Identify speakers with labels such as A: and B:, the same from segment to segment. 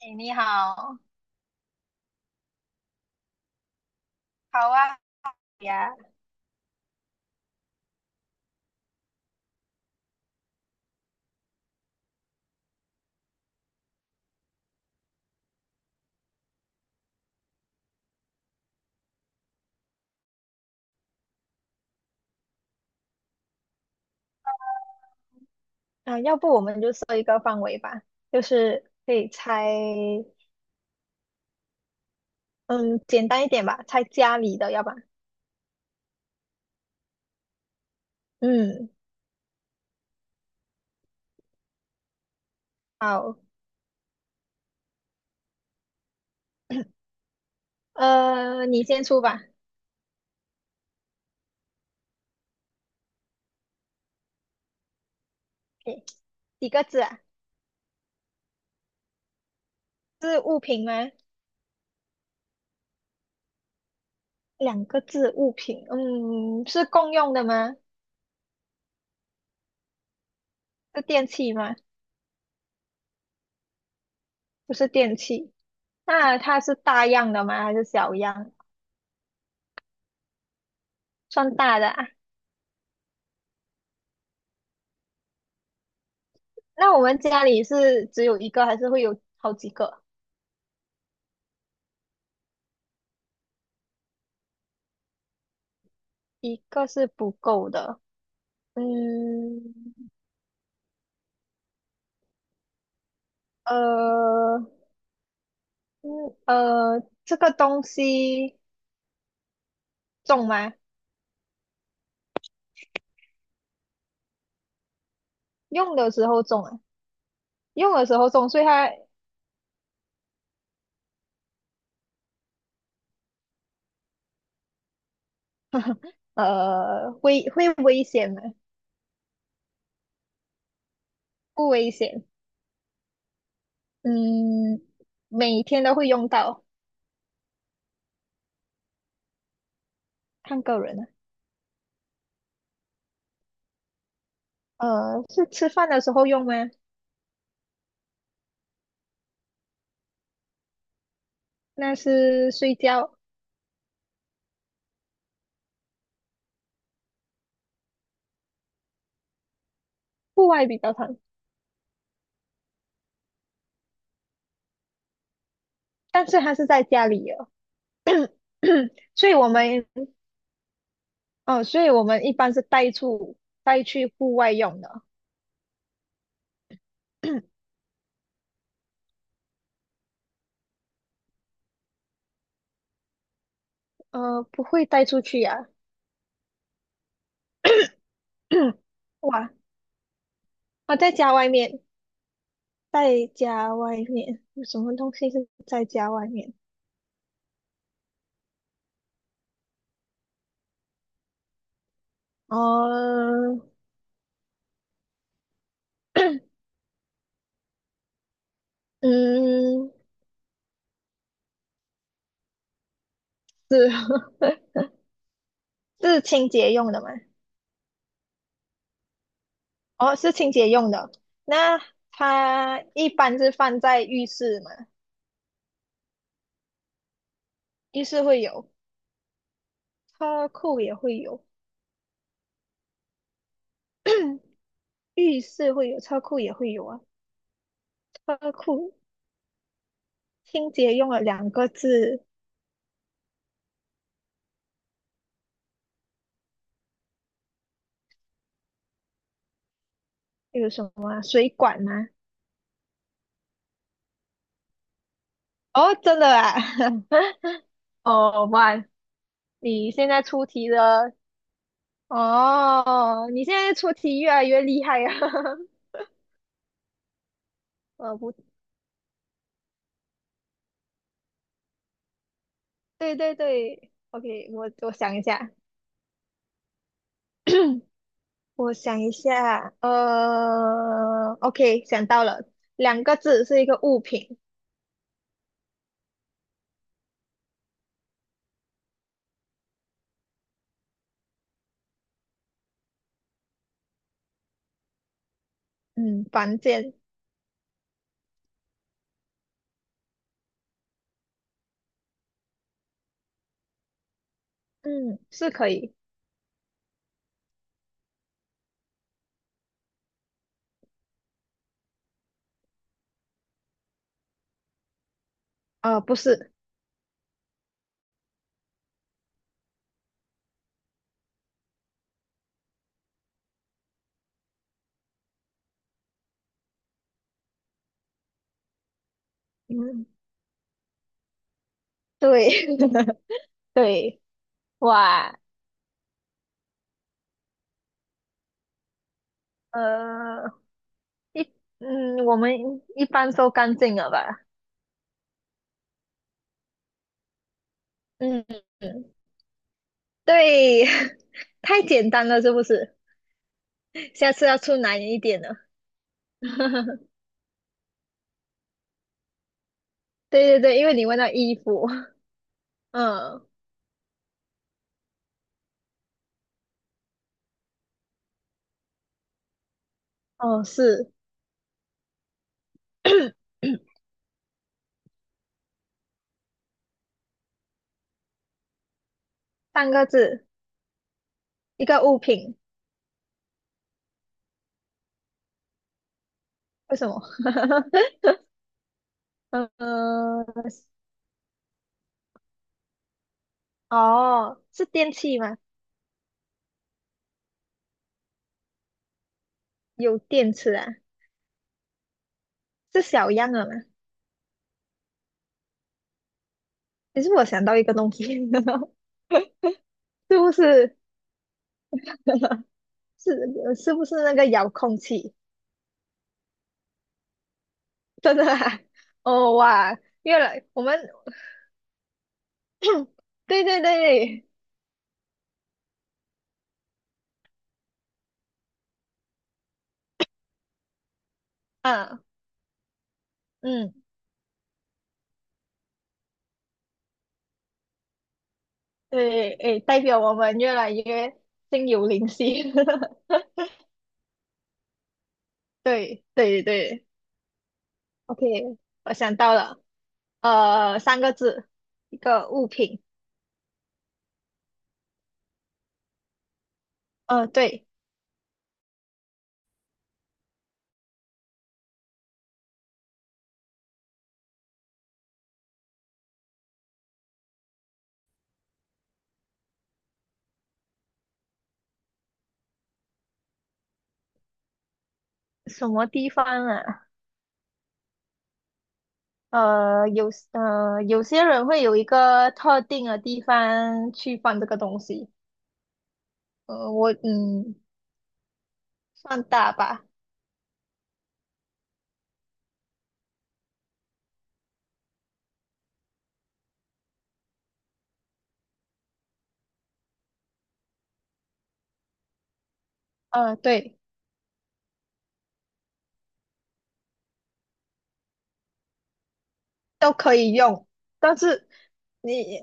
A: 哎，你好。好啊呀。啊，要不我们就设一个范围吧，就是可以猜。嗯，简单一点吧，猜家里的，要吧？嗯。好。你先出吧。o 几个字啊？是物品吗？两个字，物品。嗯，是共用的吗？是电器吗？不是电器。那它是大样的吗？还是小样？算大的啊。那我们家里是只有一个，还是会有好几个？一个是不够的。嗯，呃，嗯，呃，这个东西重吗？用的时候重啊，用的时候重，所以它会危险吗？不危险。嗯。每天都会用到，看个人啊。呃，是吃饭的时候用吗？那是睡觉。户外比较常，但是它是在家里的。所以我们，所以我们一般是带去户外用的哦。呃，不会带出去呀、哇，我在家外面。在家外面有什么东西是在家外面？哦。嗯，是 是清洁用的吗？哦，是清洁用的。那它一般是放在浴室嘛？浴室会有，车库也会有。浴室会有，车库也会有啊。车库清洁用了两个字，有什么啊？水管吗？哦，真的啊！哦，哇，你现在出题了哦，你现在出题越来越厉害啊！呃，不对，对对，OK，我想一下。我想一下，呃，OK，想到了，两个字是一个物品。嗯，房间。嗯，是可以。呃，不是。嗯，对。对，哇。呃，一，我们一般都干净了吧？嗯。嗯。对。太简单了，是不是？下次要出难一点的。对对对，因为你问到衣服。嗯。哦，是 三个字，一个物品。为什么？嗯。哦，是电器吗？有电池啊，是小样的吗？其实我想到一个东西。是不是？是不是那个遥控器？真的啊？哦哇，越来我们对对对。嗯。嗯，对，诶，代表我们越来越心有灵犀。对对对，OK，我想到了，呃，三个字，一个物品。呃，对。什么地方啊？有些人会有一个特定的地方去放这个东西。呃，我嗯，放大吧。呃，对。都可以用，但是你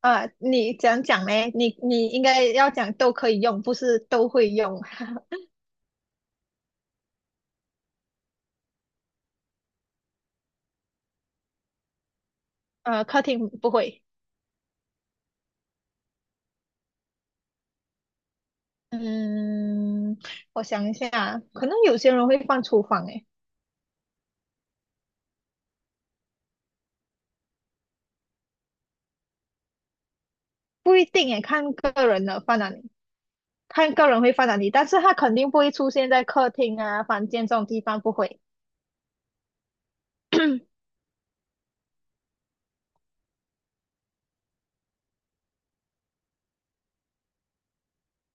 A: 啊，你怎样讲呢？你你应该要讲都可以用，不是都会用。呃，客厅不会。嗯，我想一下，可能有些人会放厨房，诶，不一定诶，看个人的放哪里。看个人会放哪里，但是他肯定不会出现在客厅啊、房间这种地方，不会。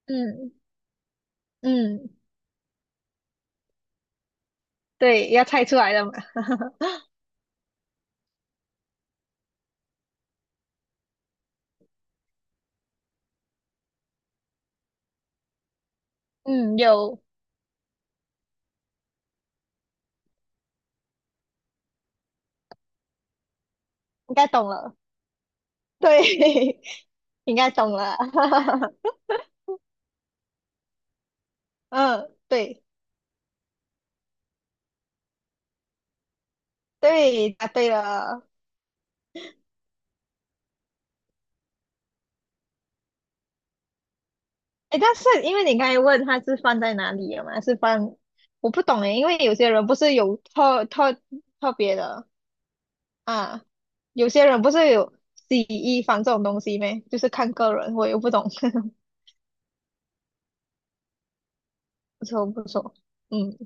A: 嗯。嗯，对，要猜出来了嘛。嗯，有，应该懂了。对。应该懂了。嗯，对对，答对了。哎，但是因为你刚才问他是放在哪里了嘛，是放，我不懂哎，因为有些人不是有特别的啊，有些人不是有洗衣房这种东西咩？就是看个人，我又不懂。不错不错。嗯。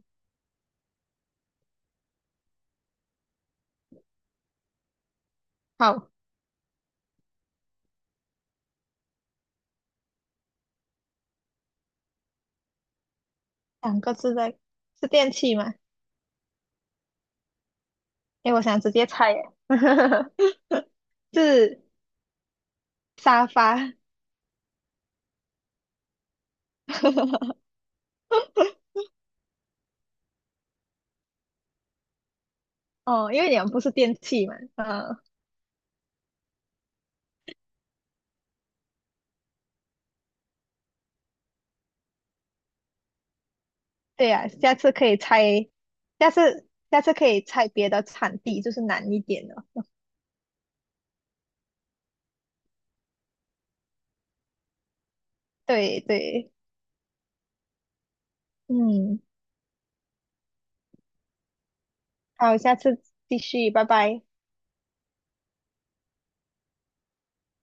A: 好，两个字的是电器吗？哎，我想直接猜耶。是沙发。哦，因为你们不是电器嘛。嗯，对呀、下次可以拆，下次可以拆别的产地，就是难一点的。对对。嗯，好，下次继续，拜拜。